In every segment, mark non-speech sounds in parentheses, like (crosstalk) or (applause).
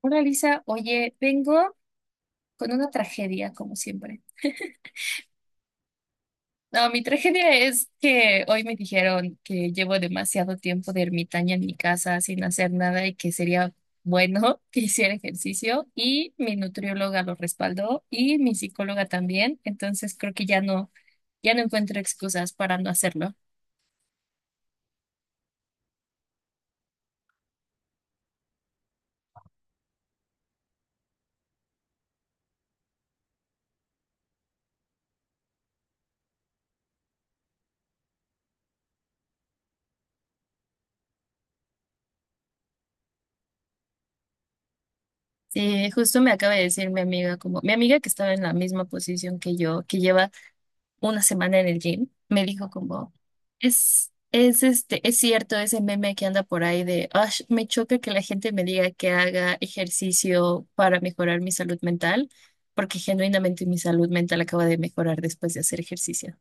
Hola Lisa, oye, vengo con una tragedia, como siempre. No, mi tragedia es que hoy me dijeron que llevo demasiado tiempo de ermitaña en mi casa sin hacer nada y que sería bueno (laughs) que hiciera ejercicio y mi nutrióloga lo respaldó y mi psicóloga también. Entonces creo que ya no encuentro excusas para no hacerlo. Sí, justo me acaba de decir mi amiga, como mi amiga que estaba en la misma posición que yo, que lleva una semana en el gym. Me dijo como, es cierto ese meme que anda por ahí de, "Ash, me choca que la gente me diga que haga ejercicio para mejorar mi salud mental, porque genuinamente mi salud mental acaba de mejorar después de hacer ejercicio".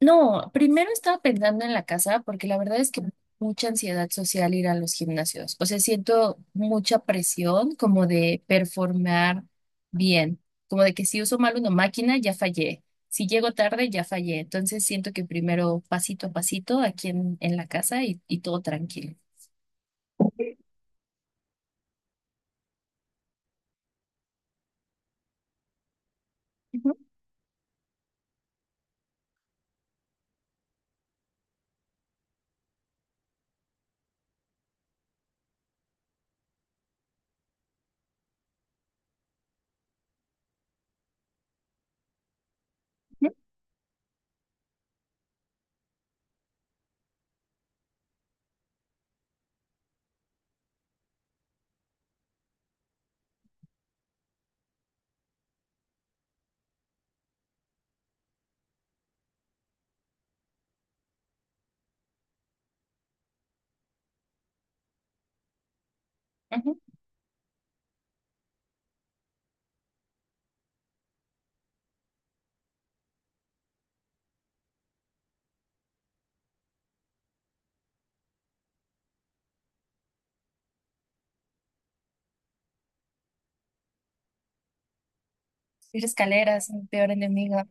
No, primero estaba pensando en la casa, porque la verdad es que mucha ansiedad social ir a los gimnasios. O sea, siento mucha presión como de performar bien, como de que si uso mal una máquina ya fallé, si llego tarde ya fallé. Entonces siento que primero pasito a pasito aquí en la casa y todo tranquilo. Ujú, ujú, ujú. Ir escaleras, mi peor enemiga.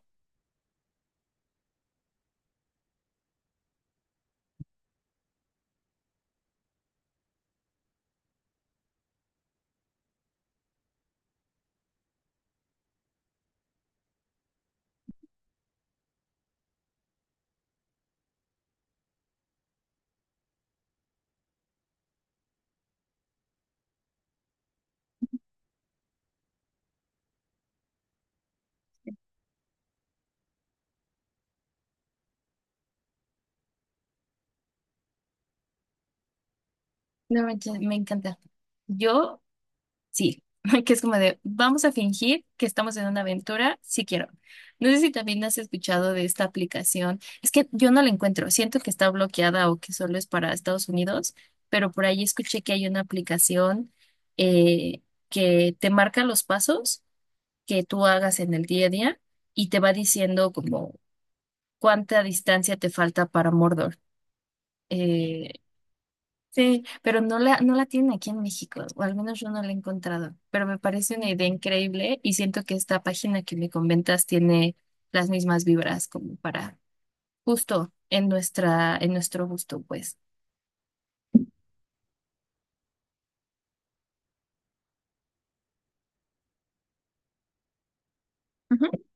No, me encanta. Yo, sí, (laughs) que es como de, vamos a fingir que estamos en una aventura, si quiero. No sé si también has escuchado de esta aplicación. Es que yo no la encuentro, siento que está bloqueada o que solo es para Estados Unidos, pero por ahí escuché que hay una aplicación, eh, que te marca los pasos que tú hagas en el día a día y te va diciendo como cuánta distancia te falta para Mordor. Eh, Sí, pero no la tienen aquí en México, o al menos yo no la he encontrado, pero me parece una idea increíble y siento que esta página que me comentas tiene las mismas vibras como para justo en nuestro gusto, pues. Ujú. (laughs)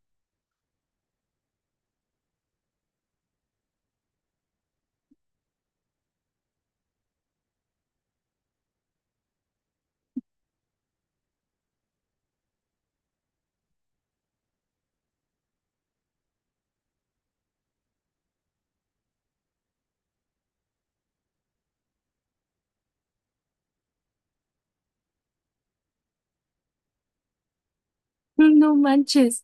¡No manches!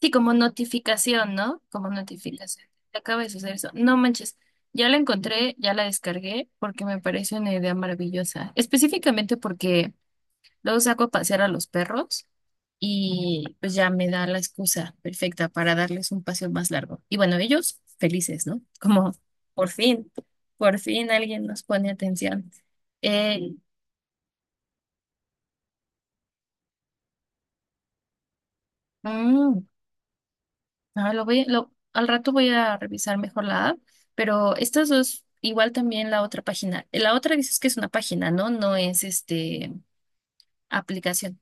Sí, como notificación, ¿no? Como notificación. Acaba de suceder eso. ¡No manches! Ya la encontré, ya la descargué porque me parece una idea maravillosa. Específicamente porque luego saco a pasear a los perros y pues ya me da la excusa perfecta para darles un paseo más largo. Y bueno, ellos felices, ¿no? Como por fin, por fin alguien nos pone atención. Eh, mm, Al rato voy a revisar mejor la app, pero estas dos, igual también la otra página. La otra dices que es una página, ¿no? No es aplicación.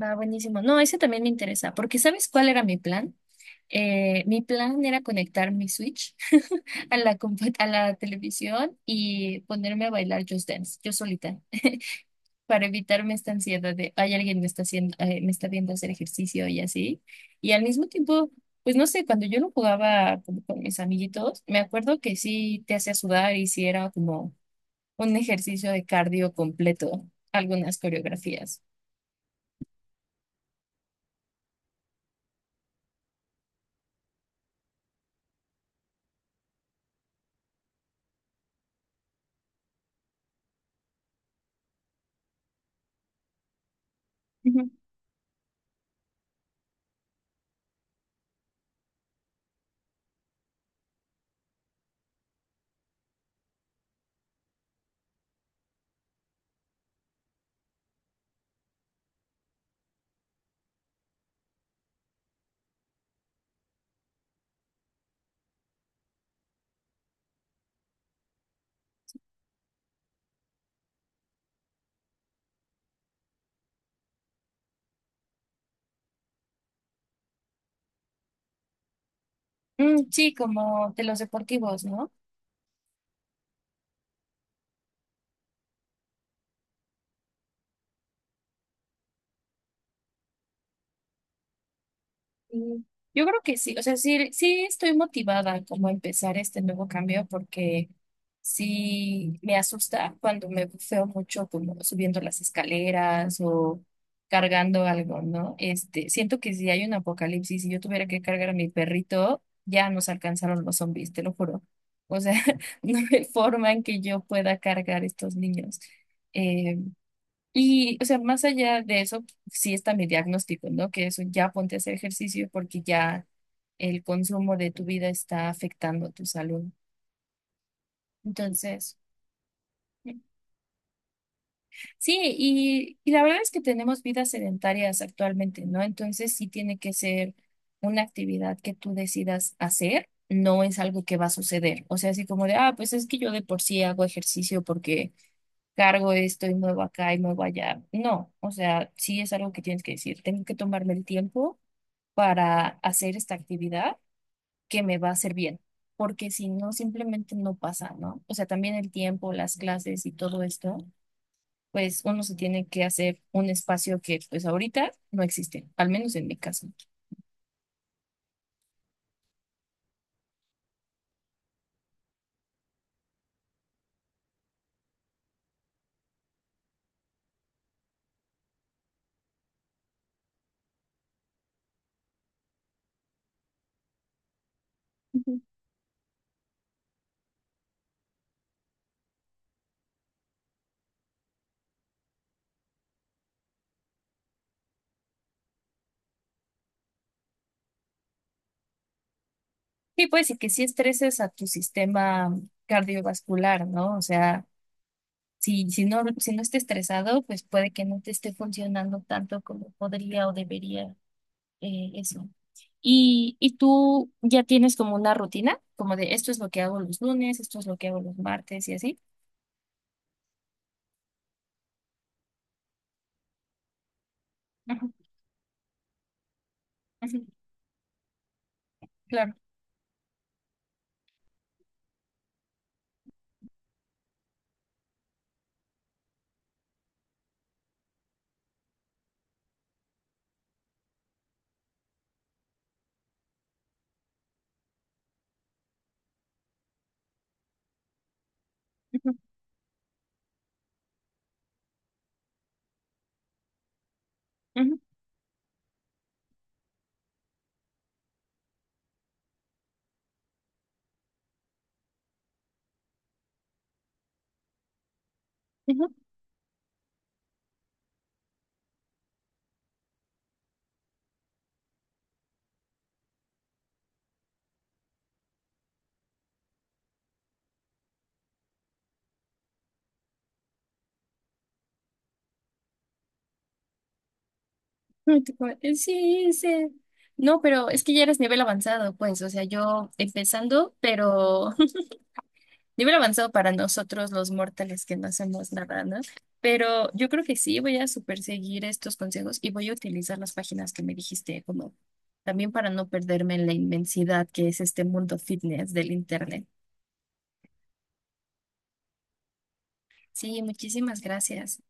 Va buenísimo. No, ese también me interesa. Porque ¿sabes cuál era mi plan? Mi plan era conectar mi Switch (laughs) a la, compu- a la televisión y ponerme a bailar Just Dance, yo solita, (laughs) para evitarme esta ansiedad de, ay, alguien me está haciendo, me está viendo hacer ejercicio y así. Y al mismo tiempo, pues no sé, cuando yo lo jugaba como con mis amiguitos, me acuerdo que sí te hacía sudar y sí era como un ejercicio de cardio completo, algunas coreografías. Mm, sí, como de los deportivos, ¿no? Sí. Yo creo que sí, o sea, sí, sí estoy motivada como a empezar este nuevo cambio, porque sí me asusta cuando me bufeo mucho como subiendo las escaleras o cargando algo, ¿no? Este, siento que si hay un apocalipsis y yo tuviera que cargar a mi perrito, ya nos alcanzaron los zombies, te lo juro. O sea, (laughs) no hay forma en que yo pueda cargar estos niños. Eh, Y, o sea, más allá de eso, sí está mi diagnóstico, ¿no? Que eso, ya ponte a hacer ejercicio porque ya el consumo de tu vida está afectando tu salud. Entonces, sí, y la verdad es que tenemos vidas sedentarias actualmente, ¿no? Entonces sí tiene que ser una actividad que tú decidas hacer, no es algo que va a suceder. O sea, así como de, ah, pues es que yo de por sí hago ejercicio porque cargo esto y muevo acá y muevo allá. No, o sea, sí es algo que tienes que decir. Tengo que tomarme el tiempo para hacer esta actividad que me va a hacer bien, porque si no, simplemente no pasa, ¿no? O sea, también el tiempo, las clases y todo esto, pues uno se tiene que hacer un espacio que pues ahorita no existe, al menos en mi caso. Ujú. Sí, pues, y que sí estreses a tu sistema cardiovascular, ¿no? O sea, si, si no esté estresado, pues puede que no te esté funcionando tanto como podría o debería, eso. Y tú ya tienes como una rutina, como de esto es lo que hago los lunes, esto es lo que hago los martes y así. Ujú, ujú. Claro. Ujú, ujú, ujú. Ay, tú como, sí, sí. No, pero es que ya eres nivel avanzado, pues, o sea, yo empezando, pero (laughs) nivel avanzado para nosotros los mortales que no hacemos nada, ¿no? Pero yo creo que sí, voy a super seguir estos consejos y voy a utilizar las páginas que me dijiste, como también para no perderme en la inmensidad que es este mundo fitness del internet. Sí, muchísimas gracias.